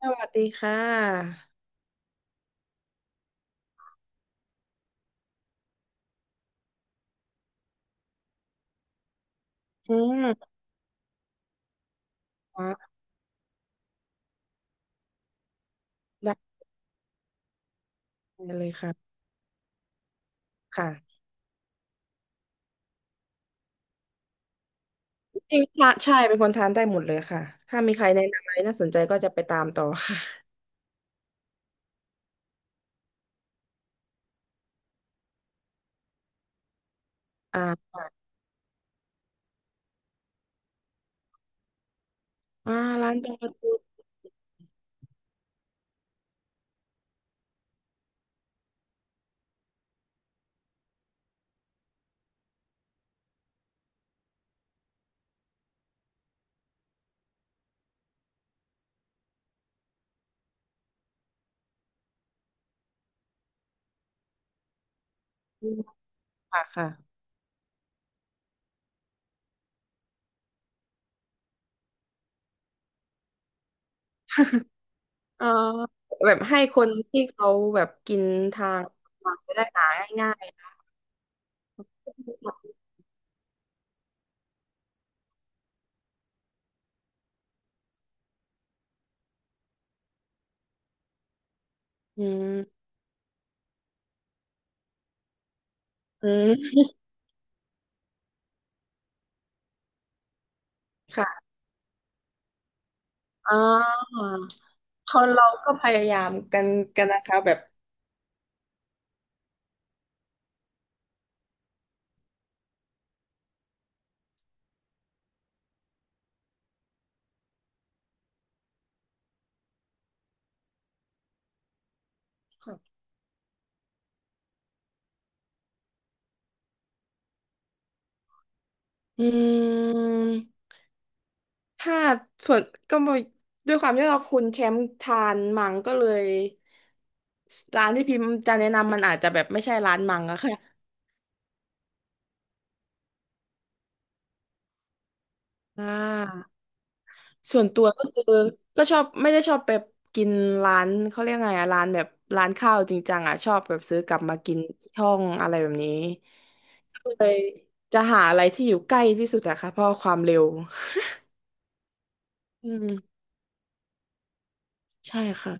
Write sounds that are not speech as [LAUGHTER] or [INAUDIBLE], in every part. สวัสดีค่ะอืมค่ะได้เลยค่ะค่ะจริงๆค่ะใช่เป็นคนทานได้หมดเลยค่ะ ถ้ามีใครแนะนำอะไรน่าสนใจก็จะไปตามต่อค่ะ อ่าอ่าร้านตรงประตูค่ะค่ะเอ่อแบบให้คนที่เขาแบบกินทางจะได้หาง่ายๆอืมอืมค่ะอ่าคนเราก็พยายามกันนะคะแบบ อืม ถ้าส่วนก็มด้วยความที่เราคุณแชมป์ทานมังก็เลยร้านที่พิมพ์จะแนะนำมันอาจจะแบบไม่ใช่ร้านมังอะค่ะอ่าส่วนตัวก็คือก็ชอบไม่ได้ชอบแบบกินร้านเขาเรียกไงอะร้านแบบร้านข้าวจริงจังอะชอบแบบซื้อกลับมากินที่ห้องอะไรแบบนี้ก็เลยจะหาอะไรที่อยู่ใกล้ที่สุดอะค่ะเพราะความเร็วอืมใช่ค่ะ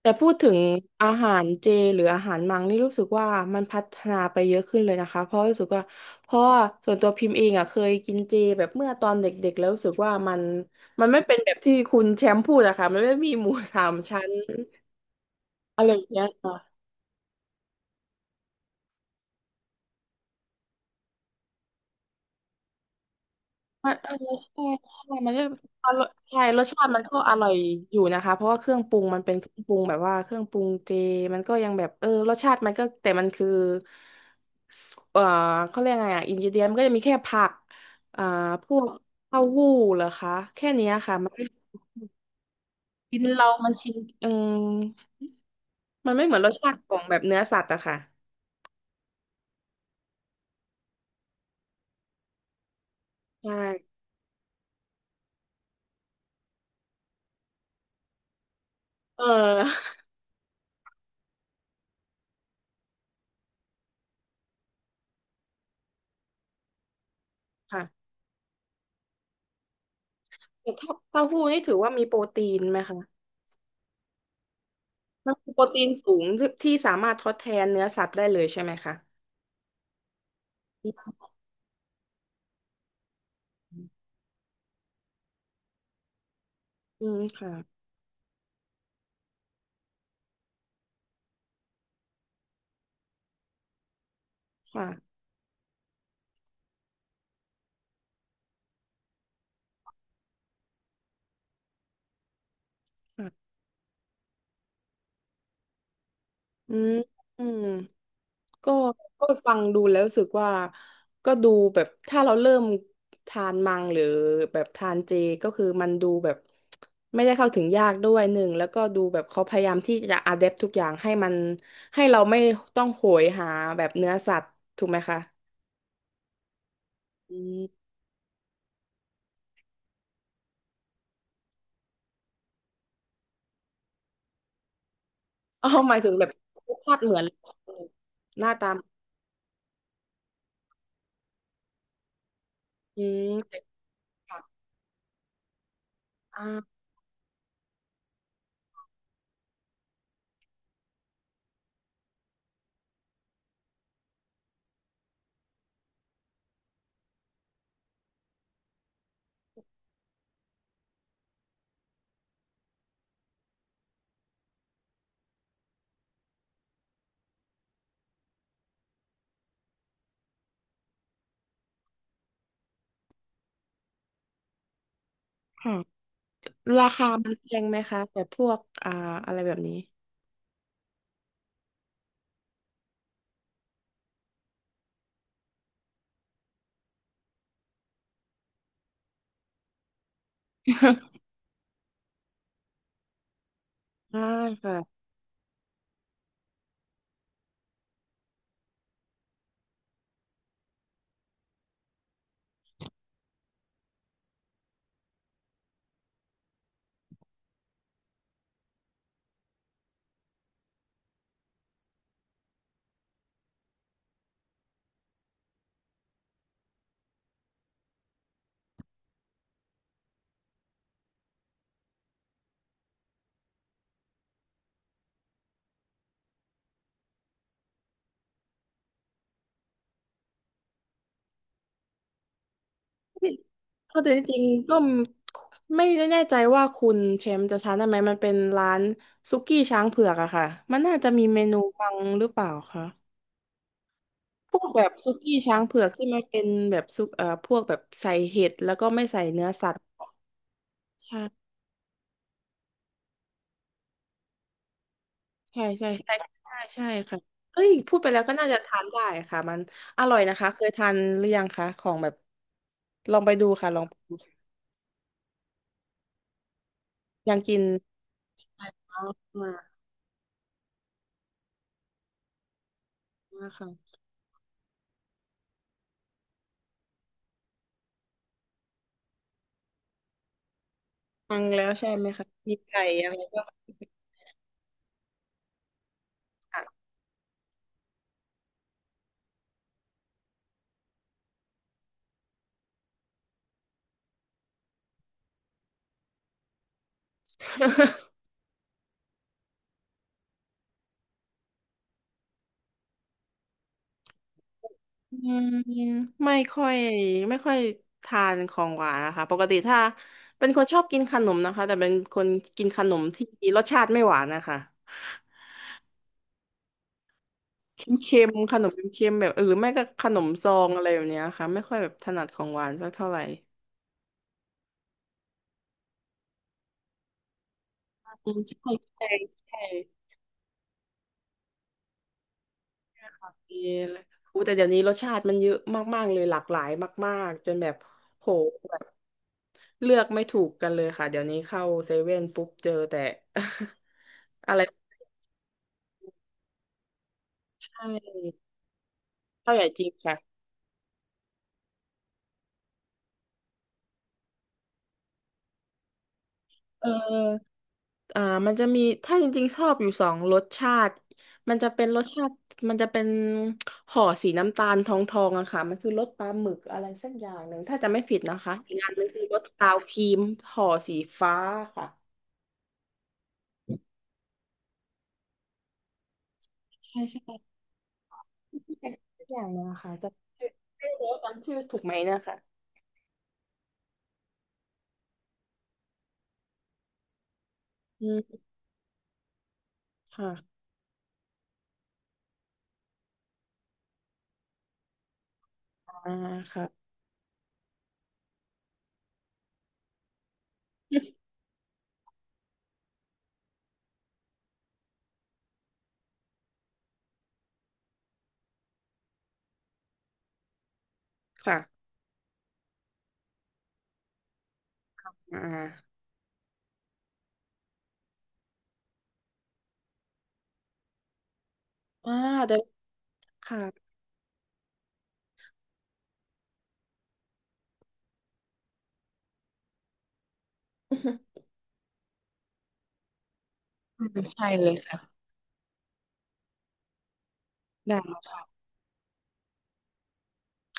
แต่พูดถึงอาหารเจหรืออาหารมังนี่รู้สึกว่ามันพัฒนาไปเยอะขึ้นเลยนะคะเพราะรู้สึกว่าเพราะว่าส่วนตัวพิมพ์เองอ่ะเคยกินเจแบบเมื่อตอนเด็กๆแล้วรู้สึกว่ามันไม่เป็นแบบที่คุณแชมป์พูดอะค่ะมันไม่มีหมูสามชั้นอะไรอย่างเงี้ย มันเออใช่ใช่มันก็อร่อยใช่รสชาติมันก็อร่อยอยู่นะคะเพราะว่าเครื่องปรุงมันเป็นเครื่องปรุงแบบว่าเครื่องปรุงเจมันก็ยังแบบเออรสชาติมันก็แต่มันคือเออเขาเรียกไงอ่ะอินกเดียนมันก็จะมีแค่ผักอ่าพวกเต้าหู้เหรอคะแค่เนี้ยค่ะมันไม่กินเรามันชินเอมมันไม่เหมือนรสชาติของแบบเนื้อสัตว์อะค่ะใช่เออค่ะแต่ถ้าเต้าหู้นี่ถือว่ามีโปรตีนไหมคะ มันคือโปรตีนสูงที่สามารถทดแทนเนื้อสัตว์ได้เลยใช่ไหมคะอืมอืมค่ะค่ะค่ะอืมอืมก็ก็ฟังดูแล้วรู้สึกว่าก็ดูแบบถ้าเราเริ่มทานมังหรือแบบทานเจก็คือมันดูแบบไม่ได้เข้าถึงยากด้วยหนึ่งแล้วก็ดูแบบเขาพยายามที่จะอะแดปทุกอย่างให้มันให้เราไม่ต้องโหยหาแบบเนื้อสัตว์ถูกไหมคะอืมอ๋อหมายถึงแบบรสชาติเหมือนหน้าตา อืมเป็ดค่ะอ่าค่ะราคามันแพงไหมคะแต่พวกอ่าอะไรแบบนี้ [LAUGHS] อ่าค่ะเพราะแต่จริงๆก็ไม่แน่ใจว่าคุณแชมป์จะทานได้ไหมมันเป็นร้านซุกี้ช้างเผือกอะค่ะมันน่าจะมีเมนูบังหรือเปล่าคะพวกแบบซุกี้ช้างเผือกที่มันเป็นแบบซุกพวกแบบใส่เห็ดแล้วก็ไม่ใส่เนื้อสัตว์ใช่ ใช่ใช่ใช่ใช่ใช่ค่ะเอ้ยพูดไปแล้วก็น่าจะทานได้ค่ะมันอร่อยนะคะเคยทานหรือยังคะของแบบลองไปดูค่ะลองไปดูยังกินอ๋อมากมากค่ะฟังแล้วใช่ไหมคะมีไก่อะไรก็ค่ะอืมไม่ค่อยไม่ค่อยทานของหวานนะคะปกติถ้าเป็นคนชอบกินขนมนะคะแต่เป็นคนกินขนมที่รสชาติไม่หวานนะคะ เค็มๆขนมเค็มๆแบบเออหรือไม่ก็ขนมซองอะไรแบบเนี้ยค่ะไม่ค่อยแบบถนัดของหวานสักเท่าไหร่อืมใช่ใช่ใช่มีอะไรอู้แต่เดี๋ยวนี้รสชาติมันเยอะมากๆเลยหลากหลายมากๆจนแบบโหแบบเลือกไม่ถูกกันเลยค่ะเดี๋ยวนี้เข้าเซเว่นปุ๊บเจอแต่ [LAUGHS] อะไรใช่ข้าวใหญ่จริงค่ะเออ อ่ามันจะมีถ้าจริงๆชอบอยู่สองรสชาติมันจะเป็นรสชาติมันจะเป็นห่อสีน้ำตาลทองๆอะค่ะมันคือรสปลาหมึกอะไรสักอย่างหนึ่งถ้าจะไม่ผิดนะคะอีกอันหนึงคือรสซาวครีมห่อสีฟ้าค่ะใช่ใช่สักอย่างหนึงอะค่ะจะไม่รู้ว่าจำชื่อถูกไหมนะคะอืมค่ะอ่าค่ะค่ะอ่าอ่าเดี๋ยวค่ะ [LAUGHS] ใช่เลยค่ะได้ค่ะ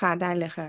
ค่ะได้เลยค่ะ